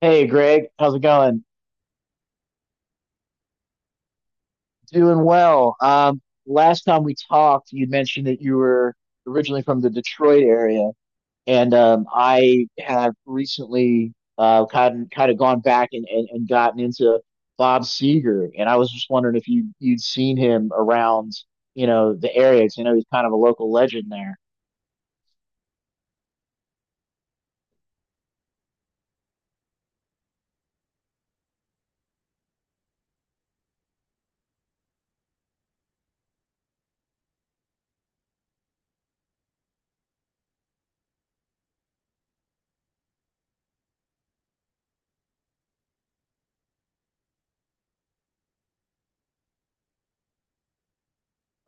Hey Greg, how's it going? Doing well. Last time we talked, you mentioned that you were originally from the Detroit area, and I have recently kind of gone back and, and gotten into Bob Seger, and I was just wondering if you'd seen him around, you know, the area. 'Cause I know he's kind of a local legend there,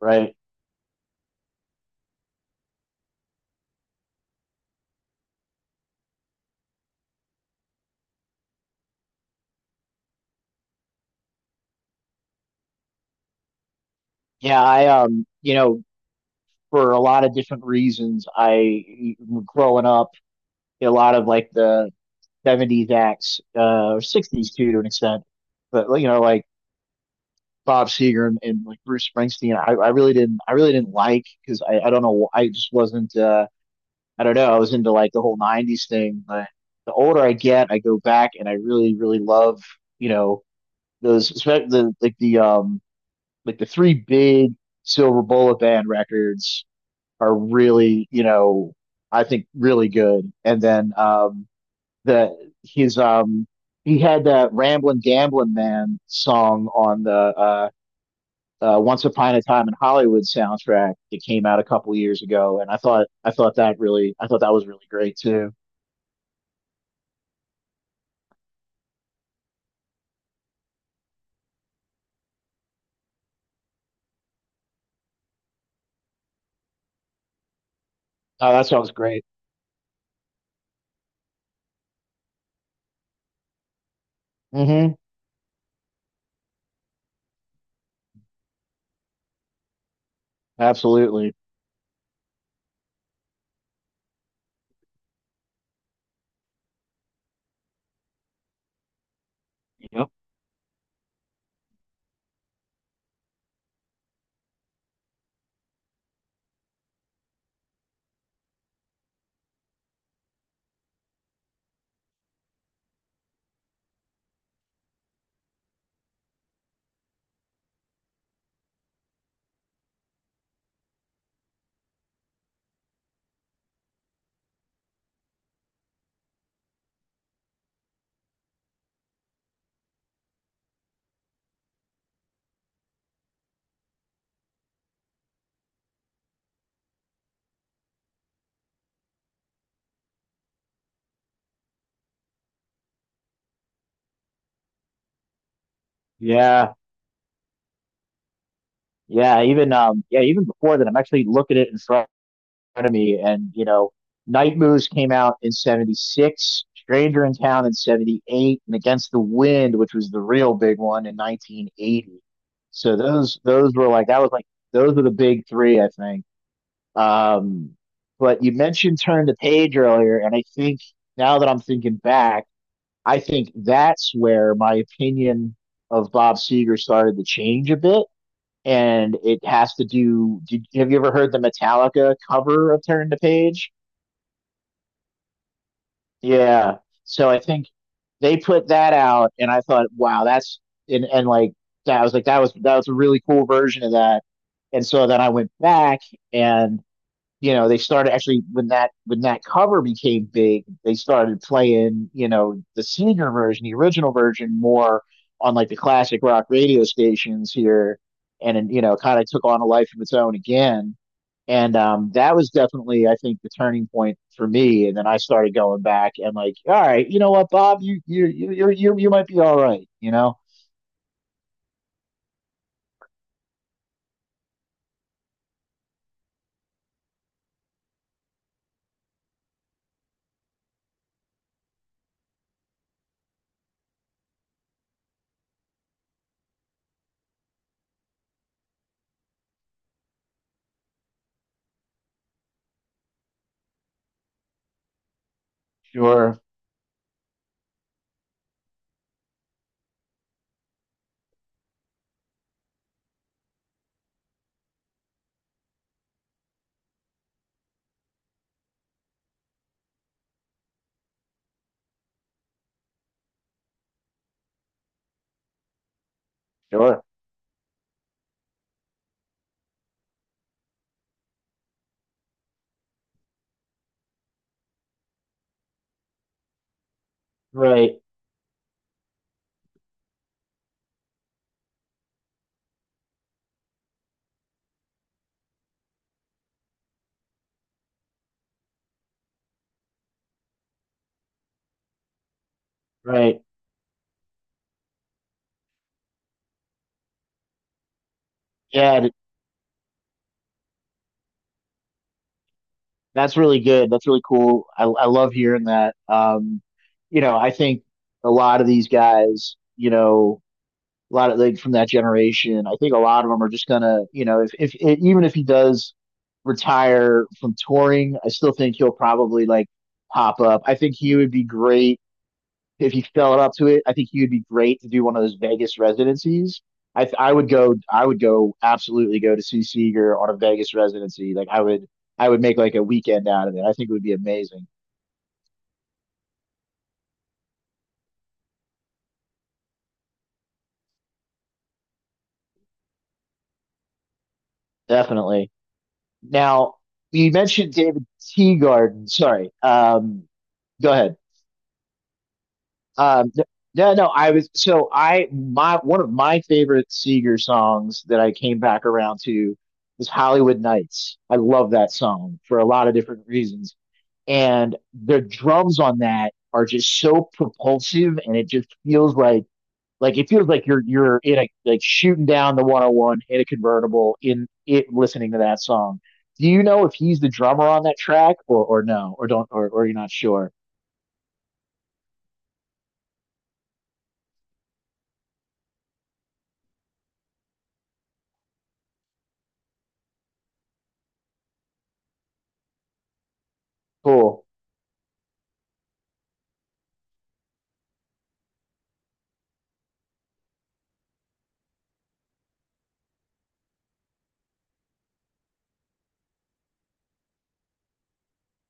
right? Yeah, I you know, for a lot of different reasons, I growing up. A lot of like the '70s acts or '60s too to an extent. But like, you know, like Bob Seger and like Bruce Springsteen, I really didn't like because I don't know I just wasn't I don't know I was into like the whole '90s thing. But the older I get, I go back and I really love, you know, those, the, like the like the three big Silver Bullet Band records are really, you know, I think really good. And then the his he had that Ramblin' Gamblin' Man song on the Once Upon a Time in Hollywood soundtrack that came out a couple years ago, and I thought that really I thought that was really great too. Oh, that sounds great. Mm-hmm. Absolutely. Yep. Yeah. Yeah. Even yeah, even before that, I'm actually looking at it in front of me. And, you know, Night Moves came out in '76, Stranger in Town in '78, and Against the Wind, which was the real big one in 1980. So those were like that was like those were the big three, I think. Um, but you mentioned Turn the Page earlier, and I think now that I'm thinking back, I think that's where my opinion of Bob Seger started to change a bit. And it has to have you ever heard the Metallica cover of Turn the Page? Yeah. So I think they put that out and I thought, wow, that's and like that I was like that was a really cool version of that. And so then I went back and, you know, they started actually when that cover became big, they started playing, you know, the senior version, the original version more on like the classic rock radio stations here, and then, you know, kind of took on a life of its own again, and that was definitely, I think, the turning point for me. And then I started going back and like, all right, you know what, Bob, you might be all right, you know? Sure. Sure. Right. Right. Yeah. That's really good. That's really cool. I love hearing that. You know, I think a lot of these guys, you know, a lot of like from that generation, I think a lot of them are just gonna, you know, if it, even if he does retire from touring, I still think he'll probably like pop up. I think he would be great if he felt up to it, I think he would be great to do one of those Vegas residencies. I would go, absolutely go to see Seager on a Vegas residency. Like I would, I would make like a weekend out of it. I think it would be amazing. Definitely. Now you mentioned David Teagarden. Sorry. Go ahead. Um, no, no, I was so I my, one of my favorite Seeger songs that I came back around to was Hollywood Nights. I love that song for a lot of different reasons. And the drums on that are just so propulsive and it just feels like it feels like you're in a like shooting down the 101 in a convertible in it listening to that song. Do you know if he's the drummer on that track, or no, or don't or you're not sure? Cool.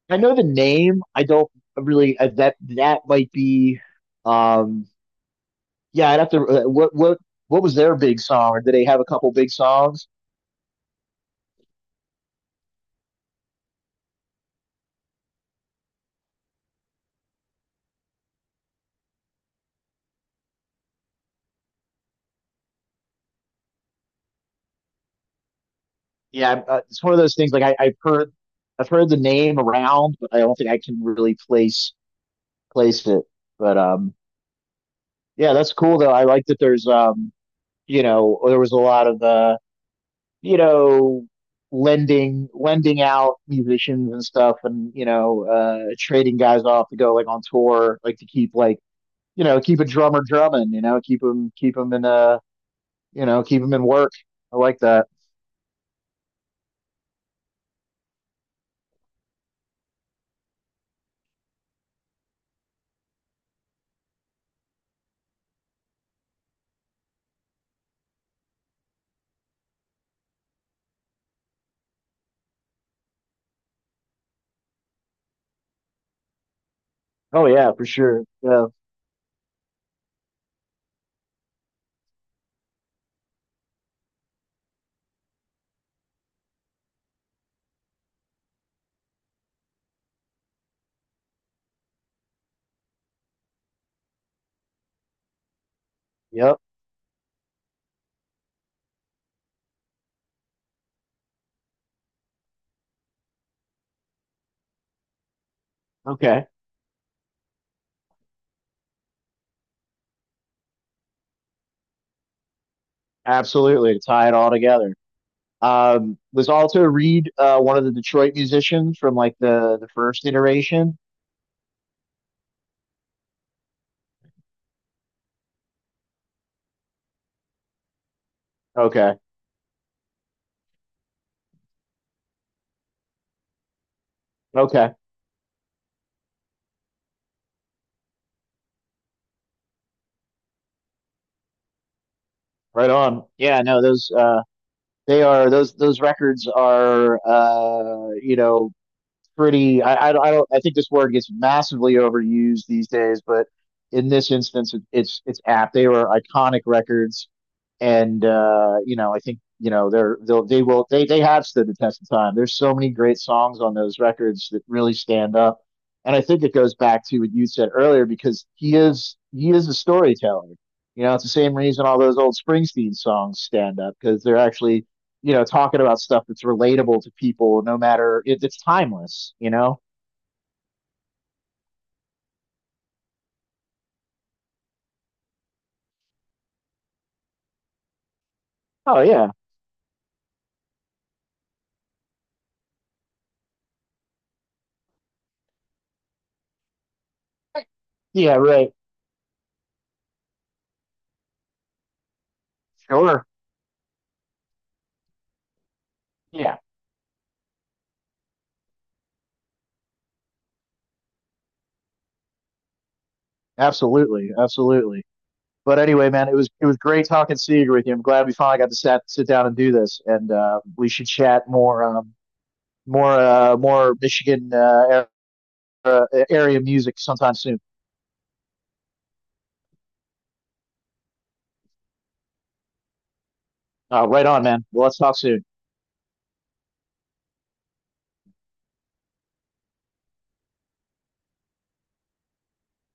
I know the name, I don't really that that might be um yeah, I'd have to what was their big song, or did they have a couple big songs? Yeah, it's one of those things. Like I've I've heard the name around, but I don't think I can really place it. But yeah, that's cool though. I like that there's you know, there was a lot of you know, lending out musicians and stuff, and, you know, trading guys off to go like on tour, like to keep like, you know, keep a drummer drumming, you know, keep him in you know, keep him in work. I like that. Oh yeah, for sure. Yeah. Yep. Okay. Absolutely, to tie it all together. Was Alto Reed one of the Detroit musicians from like the first iteration? Okay, okay, right on. Yeah, no, those they are, those records are you know, pretty. I don't. I think this word gets massively overused these days, but in this instance, it's apt. They were iconic records, and you know, I think, you know, they're they'll they will they have stood the test of time. There's so many great songs on those records that really stand up, and I think it goes back to what you said earlier because he is a storyteller. You know, it's the same reason all those old Springsteen songs stand up because they're actually, you know, talking about stuff that's relatable to people, no matter it's timeless, you know? Oh, yeah. Yeah, right. Sure. Yeah, absolutely. Absolutely. But anyway, man, it was great talking Seeger with you. I'm glad we finally got to sit down and do this, and we should chat more more more Michigan area music sometime soon. Right on, man. Well, let's talk soon.